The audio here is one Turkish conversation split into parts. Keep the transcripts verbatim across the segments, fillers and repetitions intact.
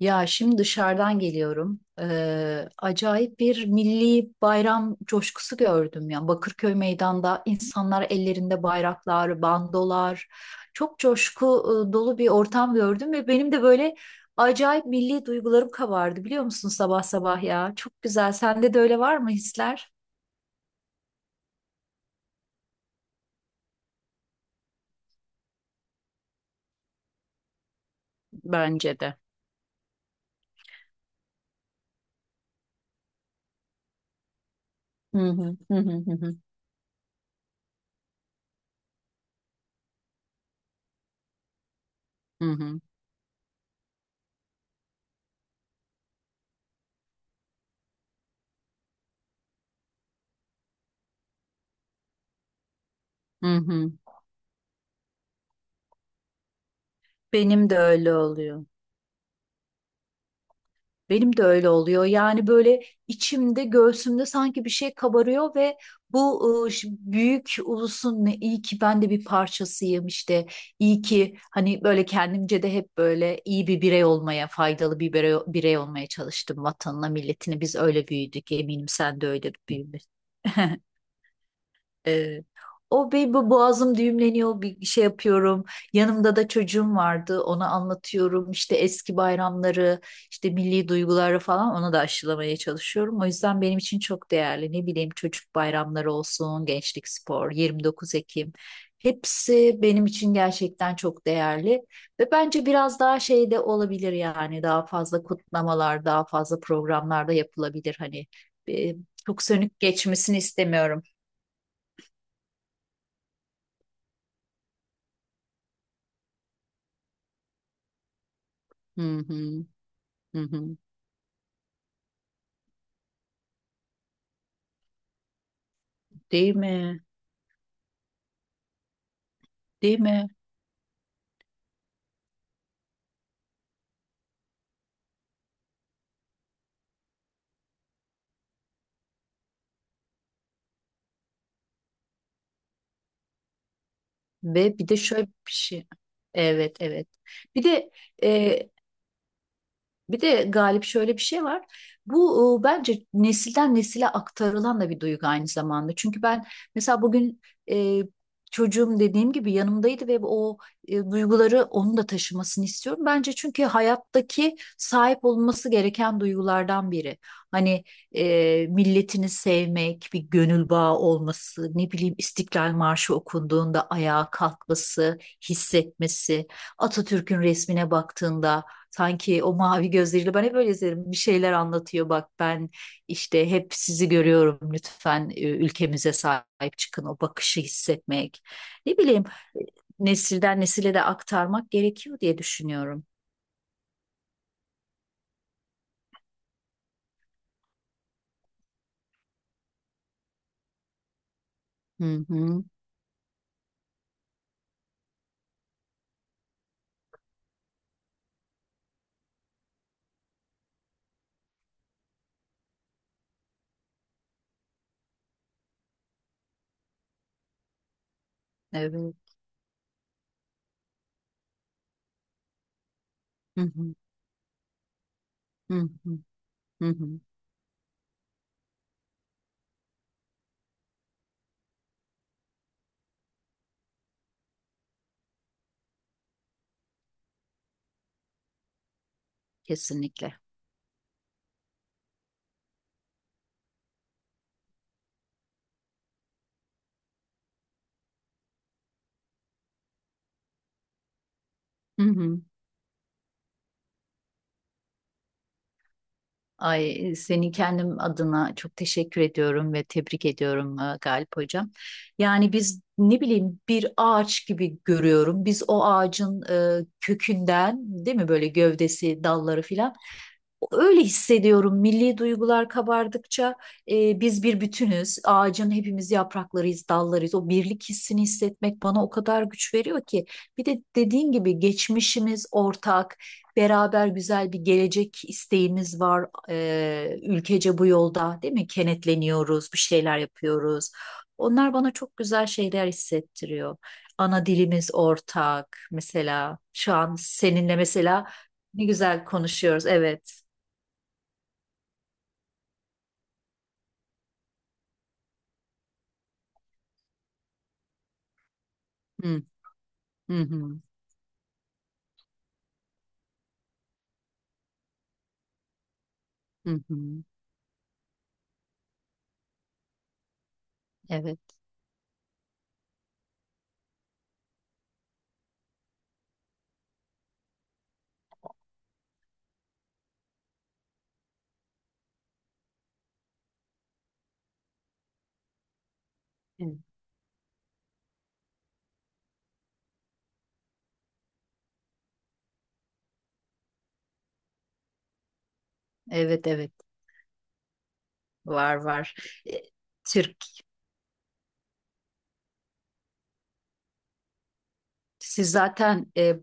Ya şimdi dışarıdan geliyorum. Ee, acayip bir milli bayram coşkusu gördüm ya. Bakırköy meydanda insanlar ellerinde bayraklar, bandolar. Çok coşku e, dolu bir ortam gördüm ve benim de böyle acayip milli duygularım kabardı biliyor musun sabah sabah ya. Çok güzel. Sende de öyle var mı hisler? Bence de. Hı hı hı hı hı hı hı hı. hı hı. Benim de öyle oluyor. Benim de öyle oluyor. Yani böyle içimde, göğsümde sanki bir şey kabarıyor ve bu e, ş- büyük ulusun ne- iyi ki ben de bir parçasıyım işte. İyi ki hani böyle kendimce de hep böyle iyi bir birey olmaya, faydalı bir birey, birey olmaya çalıştım vatanına, milletine. Biz öyle büyüdük. Eminim sen de öyle büyümüşsün. Ee, O bir bu boğazım düğümleniyor bir şey yapıyorum. Yanımda da çocuğum vardı ona anlatıyorum işte eski bayramları işte milli duyguları falan onu da aşılamaya çalışıyorum. O yüzden benim için çok değerli ne bileyim çocuk bayramları olsun gençlik spor 29 Ekim, hepsi benim için gerçekten çok değerli. Ve bence biraz daha şey de olabilir, yani daha fazla kutlamalar daha fazla programlarda yapılabilir hani, e, çok sönük geçmesini istemiyorum. Hı hı. Hı hı. Değil mi? Değil mi? Ve bir de şöyle bir şey. Evet, evet. Bir de e, Bir de Galip şöyle bir şey var. Bu, e, bence nesilden nesile aktarılan da bir duygu aynı zamanda. Çünkü ben mesela bugün, e, çocuğum dediğim gibi yanımdaydı ve o e, duyguları onun da taşımasını istiyorum. Bence çünkü hayattaki sahip olması gereken duygulardan biri. Hani e, milletini sevmek, bir gönül bağı olması, ne bileyim İstiklal Marşı okunduğunda ayağa kalkması, hissetmesi, Atatürk'ün resmine baktığında sanki o mavi gözleriyle. Ben hep öyle izlerim. Bir şeyler anlatıyor. Bak ben işte hep sizi görüyorum. Lütfen e, ülkemize sahip çıkın. O bakışı hissetmek. Ne bileyim e, nesilden nesile de aktarmak gerekiyor diye düşünüyorum. Hı hı. Evet. Hı hı. Hı hı. Hı hı. Kesinlikle. Hı hı. Ay, seni kendim adına çok teşekkür ediyorum ve tebrik ediyorum e, Galip Hocam. Yani biz, ne bileyim, bir ağaç gibi görüyorum. Biz o ağacın e, kökünden, değil mi, böyle gövdesi, dalları filan. Öyle hissediyorum. Milli duygular kabardıkça e, biz bir bütünüz. Ağacın hepimiz yapraklarıyız, dallarıyız. O birlik hissini hissetmek bana o kadar güç veriyor ki. Bir de dediğin gibi geçmişimiz ortak, beraber güzel bir gelecek isteğimiz var. E, ülkece bu yolda, değil mi? Kenetleniyoruz, bir şeyler yapıyoruz. Onlar bana çok güzel şeyler hissettiriyor. Ana dilimiz ortak. Mesela şu an seninle mesela ne güzel konuşuyoruz. Evet. Hı hı hı. Hı hı. Evet. Evet evet evet var var. E, Türk Siz zaten, e,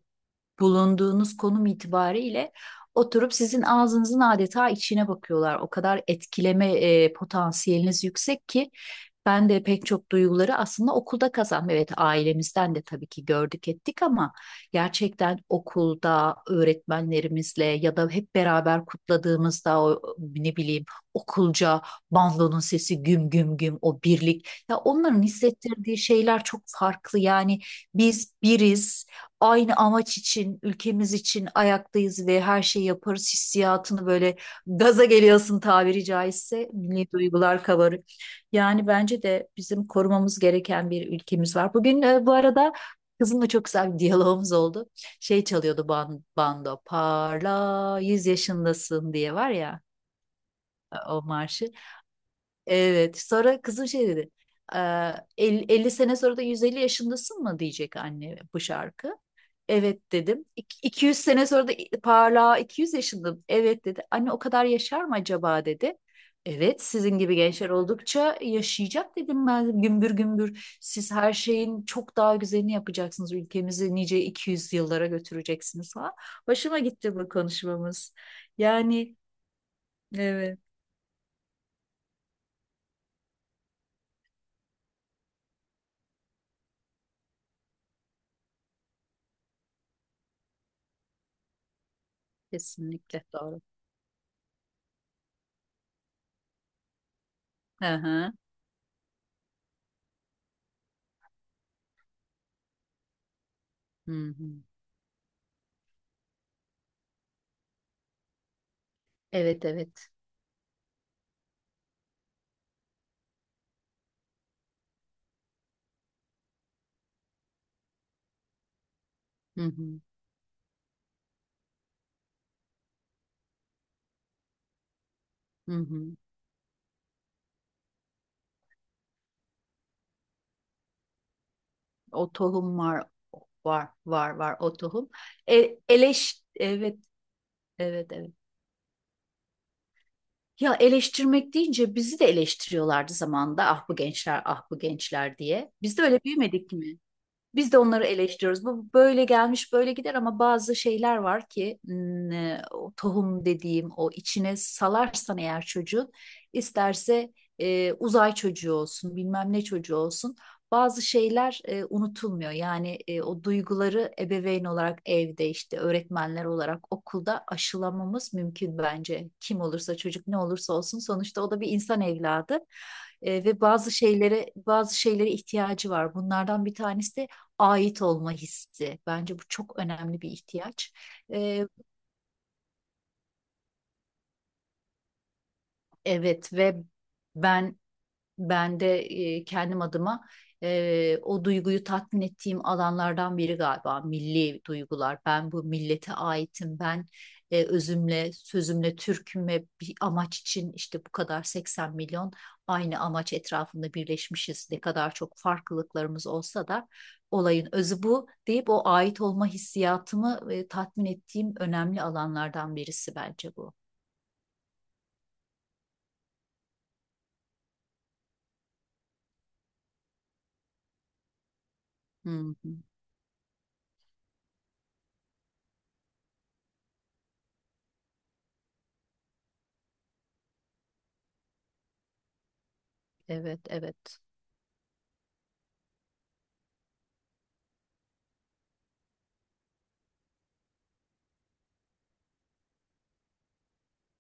bulunduğunuz konum itibariyle, oturup sizin ağzınızın adeta içine bakıyorlar. O kadar etkileme e, potansiyeliniz yüksek ki ben de pek çok duyguları aslında okulda kazandım. Evet, ailemizden de tabii ki gördük ettik ama gerçekten okulda öğretmenlerimizle ya da hep beraber kutladığımızda, o ne bileyim, okulca, bandonun sesi güm güm güm, o birlik ya, onların hissettirdiği şeyler çok farklı yani. Biz biriz, aynı amaç için, ülkemiz için ayaktayız ve her şeyi yaparız hissiyatını böyle gaza geliyorsun tabiri caizse, milli duygular kabarır. Yani bence de bizim korumamız gereken bir ülkemiz var. Bugün, e, bu arada, kızımla çok güzel bir diyalogumuz oldu. Şey çalıyordu, ban- bando, parla yüz yaşındasın diye var ya e, o marşı. Evet. Sonra kızım şey dedi: "Eee, el- elli sene sonra da yüz elli yaşındasın mı diyecek anne bu şarkı." Evet dedim. İk- iki yüz sene sonra da parlağa iki yüz yaşındım. Evet dedi. "Anne o kadar yaşar mı acaba?" dedi. Evet, sizin gibi gençler oldukça yaşayacak, dedim, ben gümbür gümbür. Siz her şeyin çok daha güzelini yapacaksınız. Ülkemizi nice iki yüz yıllara götüreceksiniz falan. Hoşuma gitti bu konuşmamız. Yani evet, kesinlikle doğru. Hı hı. Hı hı. Evet evet. Hı hı. Hı hı. O tohum var var var var o tohum. E, eleş evet evet evet. Ya eleştirmek deyince bizi de eleştiriyorlardı zamanında. Ah bu gençler, ah bu gençler diye. Biz de öyle büyümedik mi? Biz de onları eleştiriyoruz. Bu böyle gelmiş, böyle gider ama bazı şeyler var ki, hmm, e, o tohum dediğim, o içine salarsan eğer çocuğun, isterse e, uzay çocuğu olsun, bilmem ne çocuğu olsun, bazı şeyler e, unutulmuyor. Yani e, o duyguları ebeveyn olarak evde, işte öğretmenler olarak okulda aşılamamız mümkün bence. Kim olursa, çocuk ne olursa olsun, sonuçta o da bir insan evladı. E, ve bazı şeylere bazı şeylere ihtiyacı var. Bunlardan bir tanesi de ait olma hissi. Bence bu çok önemli bir ihtiyaç. Ee, evet, ve ben Ben de e, kendim adıma e, o duyguyu tatmin ettiğim alanlardan biri galiba milli duygular. Ben bu millete aitim. Ben e, özümle, sözümle Türk'üm ve bir amaç için, işte bu kadar seksen milyon aynı amaç etrafında birleşmişiz. Ne kadar çok farklılıklarımız olsa da olayın özü bu deyip, o ait olma hissiyatımı e, tatmin ettiğim önemli alanlardan birisi bence bu. Hı hı. Evet, evet.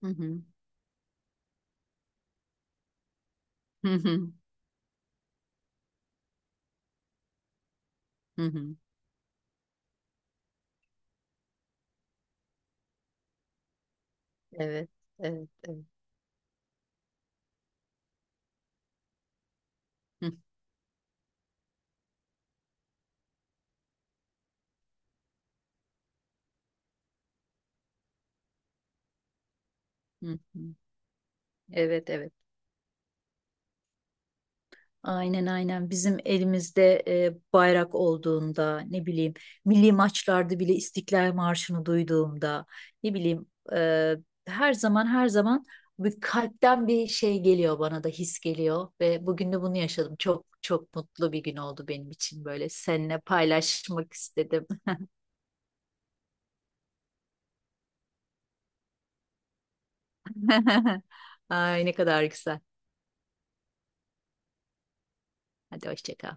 Hı hı. Hı hı. Hı hı. Evet, evet, evet. Hı, hı, hı. Evet, evet. Aynen aynen, bizim elimizde e, bayrak olduğunda, ne bileyim, milli maçlarda bile İstiklal Marşı'nı duyduğumda, ne bileyim, e, her zaman her zaman bir kalpten bir şey geliyor, bana da his geliyor ve bugün de bunu yaşadım. Çok çok mutlu bir gün oldu benim için, böyle seninle paylaşmak istedim. Ay ne kadar güzel. Hadi hoşça kal.